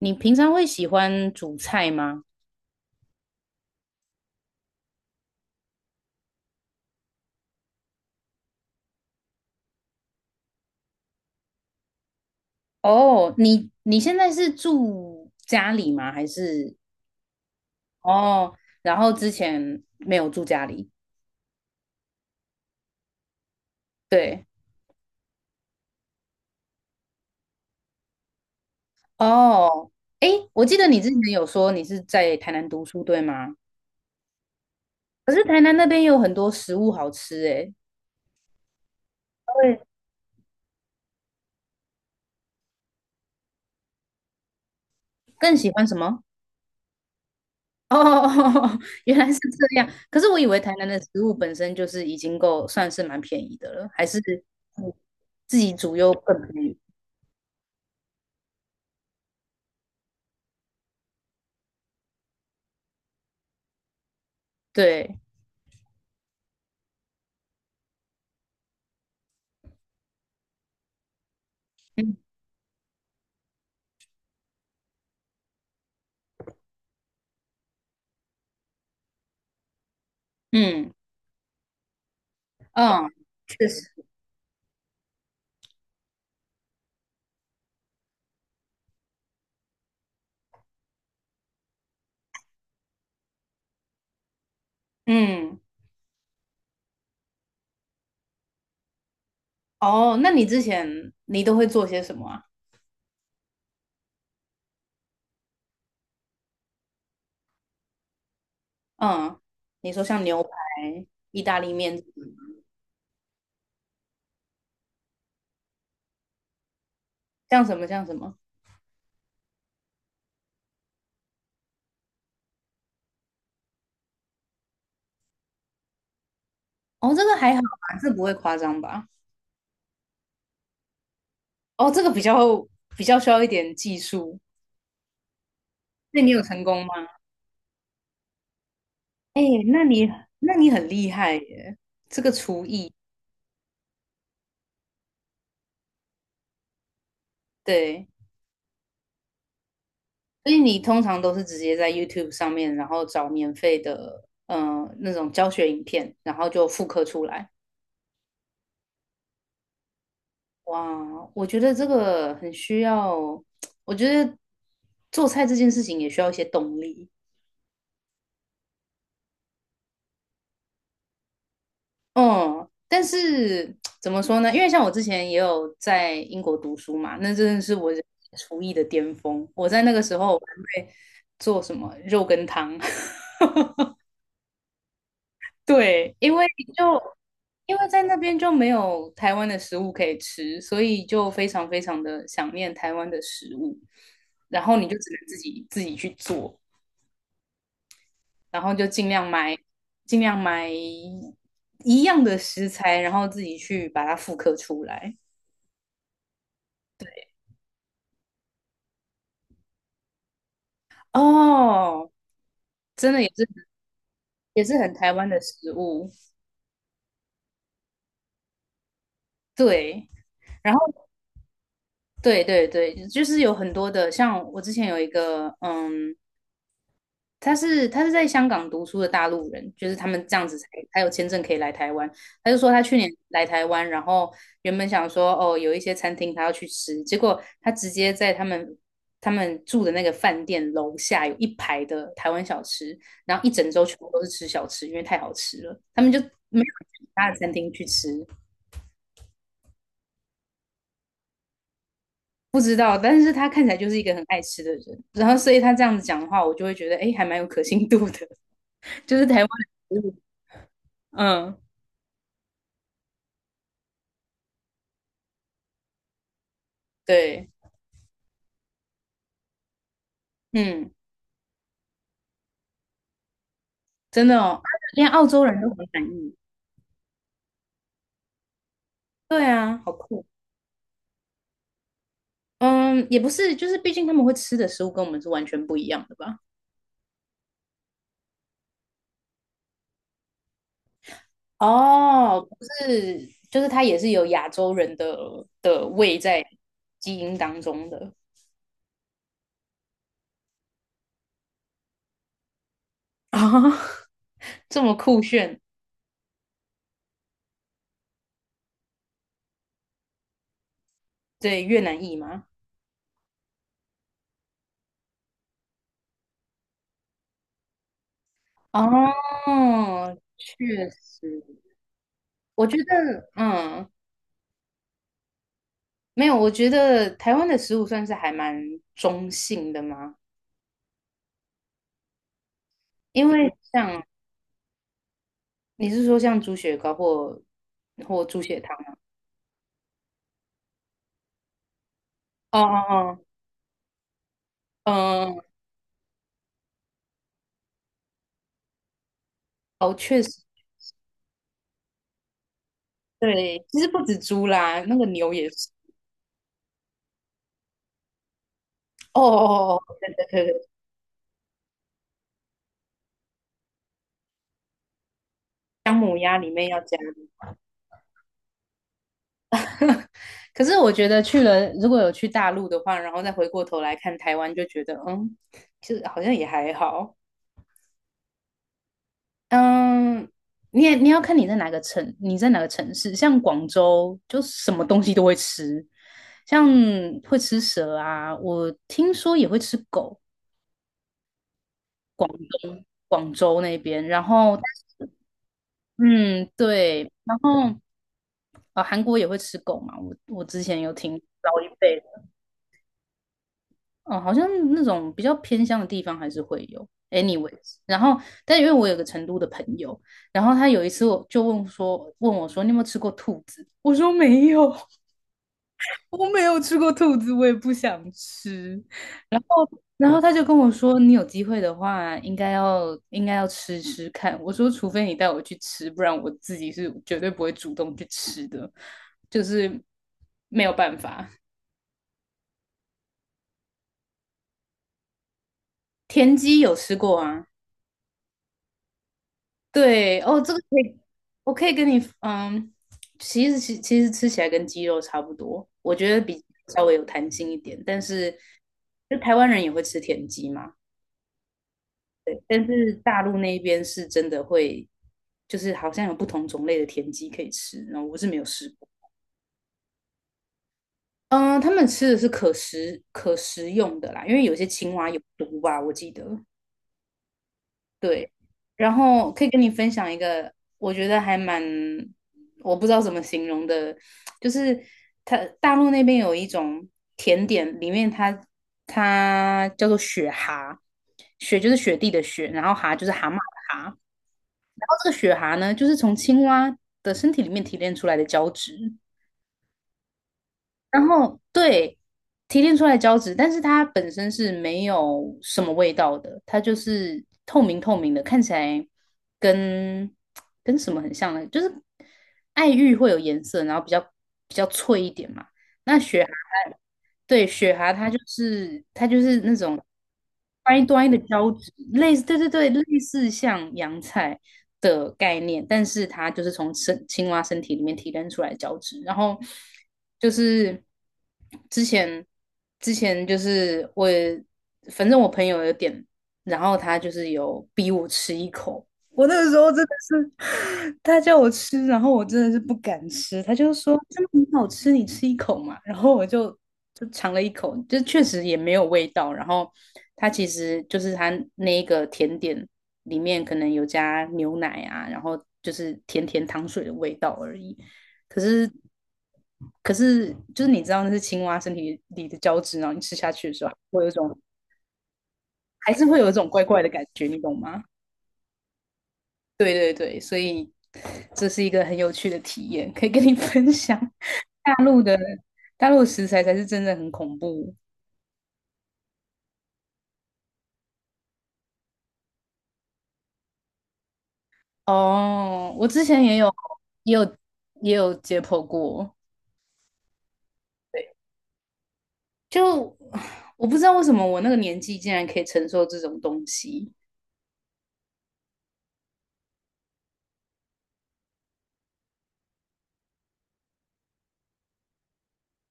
你平常会喜欢煮菜吗？哦，你现在是住家里吗？还是哦，然后之前没有住家里？对，哦，诶，我记得你之前有说你是在台南读书，对吗？可是台南那边有很多食物好吃，诶，对，更喜欢什么？哦，原来是这样。可是我以为台南的食物本身就是已经够算是蛮便宜的了，还是嗯自己煮又更便宜？对。嗯嗯嗯，确实，嗯，哦，那你之前你都会做些什么啊？嗯，你说像牛排、意大利面，像什么像什么？哦，这个还好吧，这不会夸张吧？哦，这个比较需要一点技术。那你有成功吗？哎，那你那你很厉害耶，这个厨艺，对，所以你通常都是直接在 YouTube 上面，然后找免费的，那种教学影片，然后就复刻出来。哇，我觉得这个很需要，我觉得做菜这件事情也需要一些动力。嗯，但是怎么说呢？因为像我之前也有在英国读书嘛，那真的是我人生厨艺的巅峰。我在那个时候我还会做什么肉羹汤，对，因为就在那边就没有台湾的食物可以吃，所以就非常非常的想念台湾的食物，然后你就只能自己去做。然后就尽量买，尽量买一样的食材，然后自己去把它复刻出来。哦，真的也是很台湾的食物，对。然后对对对，就是有很多的，像我之前有一个嗯他是在香港读书的大陆人，就是他们这样子才有签证可以来台湾。他就说他去年来台湾，然后原本想说哦，有一些餐厅他要去吃，结果他直接在他们住的那个饭店楼下有一排的台湾小吃，然后一整周全部都是吃小吃，因为太好吃了，他们就没有去其他的餐厅去吃。不知道，但是他看起来就是一个很爱吃的人，然后所以他这样子讲的话，我就会觉得哎，还蛮有可信度的，就是台湾的食物嗯，对。嗯，真的哦，连澳洲人都很满意。对啊，好酷。嗯，也不是，就是毕竟他们会吃的食物跟我们是完全不一样的吧？哦，不是，就是它也是有亚洲人的的胃在基因当中的啊，这么酷炫。对，越南裔吗？哦，确实，我觉得，嗯，没有，我觉得台湾的食物算是还蛮中性的嘛，因为像你是说像猪血糕或或猪血汤吗？哦哦哦，嗯，哦，确实，对，其实不止猪啦，那个牛也是。哦哦哦，哦对对对对，姜母鸭里面要加。可是我觉得去了，如果有去大陆的话，然后再回过头来看台湾，就觉得嗯，其实好像也还好。嗯，你也你要看你在哪个城市，像广州就什么东西都会吃，像会吃蛇啊，我听说也会吃狗。广东广州那边，然后嗯对，然后韩国也会吃狗嘛，我之前有听老一辈的，嗯，好像那种比较偏乡的地方还是会有。anyways，然后但因为我有个成都的朋友，然后他有一次我就问说问我说你有没有吃过兔子？我说没有，我没有吃过兔子，我也不想吃。然后，然后他就跟我说，你有机会的话，应该要吃吃看。我说，除非你带我去吃，不然我自己是绝对不会主动去吃的，就是没有办法。田鸡有吃过啊？对，哦，这个可以，我可以跟你，嗯，其实吃起来跟鸡肉差不多，我觉得比稍微有弹性一点，但是就台湾人也会吃田鸡嘛。但是大陆那边是真的会，就是好像有不同种类的田鸡可以吃，然后我是没有试过。嗯、他们吃的是可食用的啦，因为有些青蛙有毒吧，我记得。对，然后可以跟你分享一个，我觉得还蛮，我不知道怎么形容的，就是它大陆那边有一种甜点，里面它它叫做雪蛤，雪就是雪地的雪，然后蛤就是蛤蟆的蛤，然后这个雪蛤呢，就是从青蛙的身体里面提炼出来的胶质。然后对，提炼出来胶质，但是它本身是没有什么味道的，它就是透明透明的，看起来跟跟什么很像呢？就是爱玉会有颜色，然后比较脆一点嘛。那雪蛤它，对，雪蛤它就是它就是那种端一端一的胶质，类似，对对对，类似像洋菜的概念，但是它就是从青蛙身体里面提炼出来的胶质。然后就是之前之前就是我，反正我朋友有点，然后他就是有逼我吃一口。我那个时候真的是，他叫我吃，然后我真的是不敢吃。他就说真的很好吃，你吃一口嘛。然后我就尝了一口，就确实也没有味道。然后它其实就是它那一个甜点里面可能有加牛奶啊，然后就是甜甜糖水的味道而已。可是可是就是你知道那是青蛙身体里的胶质，然后你吃下去的时候，会有一种还是会有一种怪怪的感觉，你懂吗？对对对，所以这是一个很有趣的体验，可以跟你 分享。大陆的大陆的食材才是真的很恐怖哦。我之前也有也有解剖过，对，就 我不知道为什么我那个年纪竟然可以承受这种东西。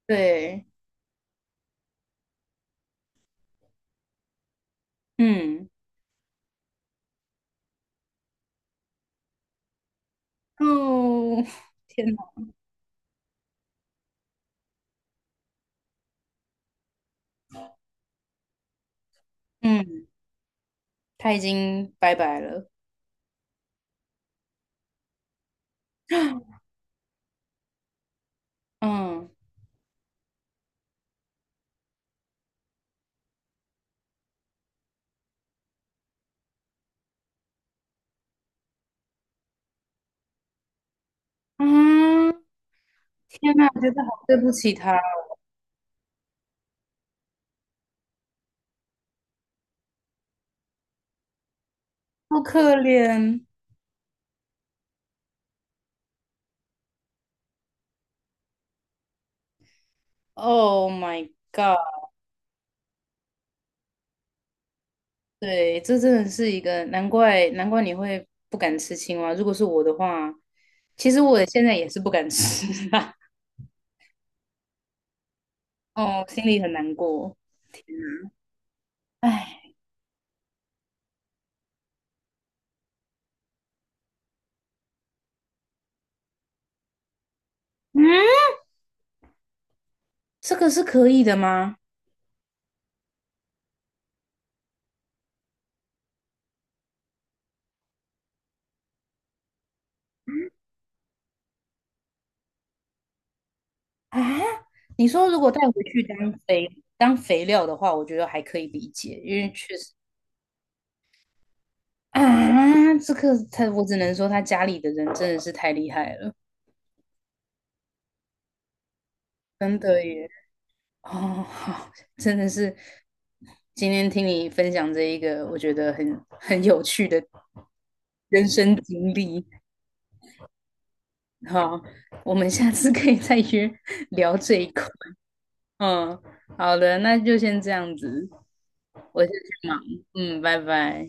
对，嗯，哦，天哪，嗯，他已经拜拜了，嗯啊，天哪，觉得好对不起他，好可怜。Oh my god！对，这真的是一个难怪，难怪你会不敢吃青蛙。如果是我的话，其实我现在也是不敢吃啊。哦，心里很难过。天哎，嗯，这个是可以的吗？啊，你说如果带回去当肥料的话，我觉得还可以理解，因为确实啊，这个他我只能说他家里的人真的是太厉害了，真的耶。哦，好，真的是今天听你分享这一个，我觉得很有趣的人生经历。好，我们下次可以再约聊这一块。嗯，好的，那就先这样子，我先去忙。嗯，拜拜。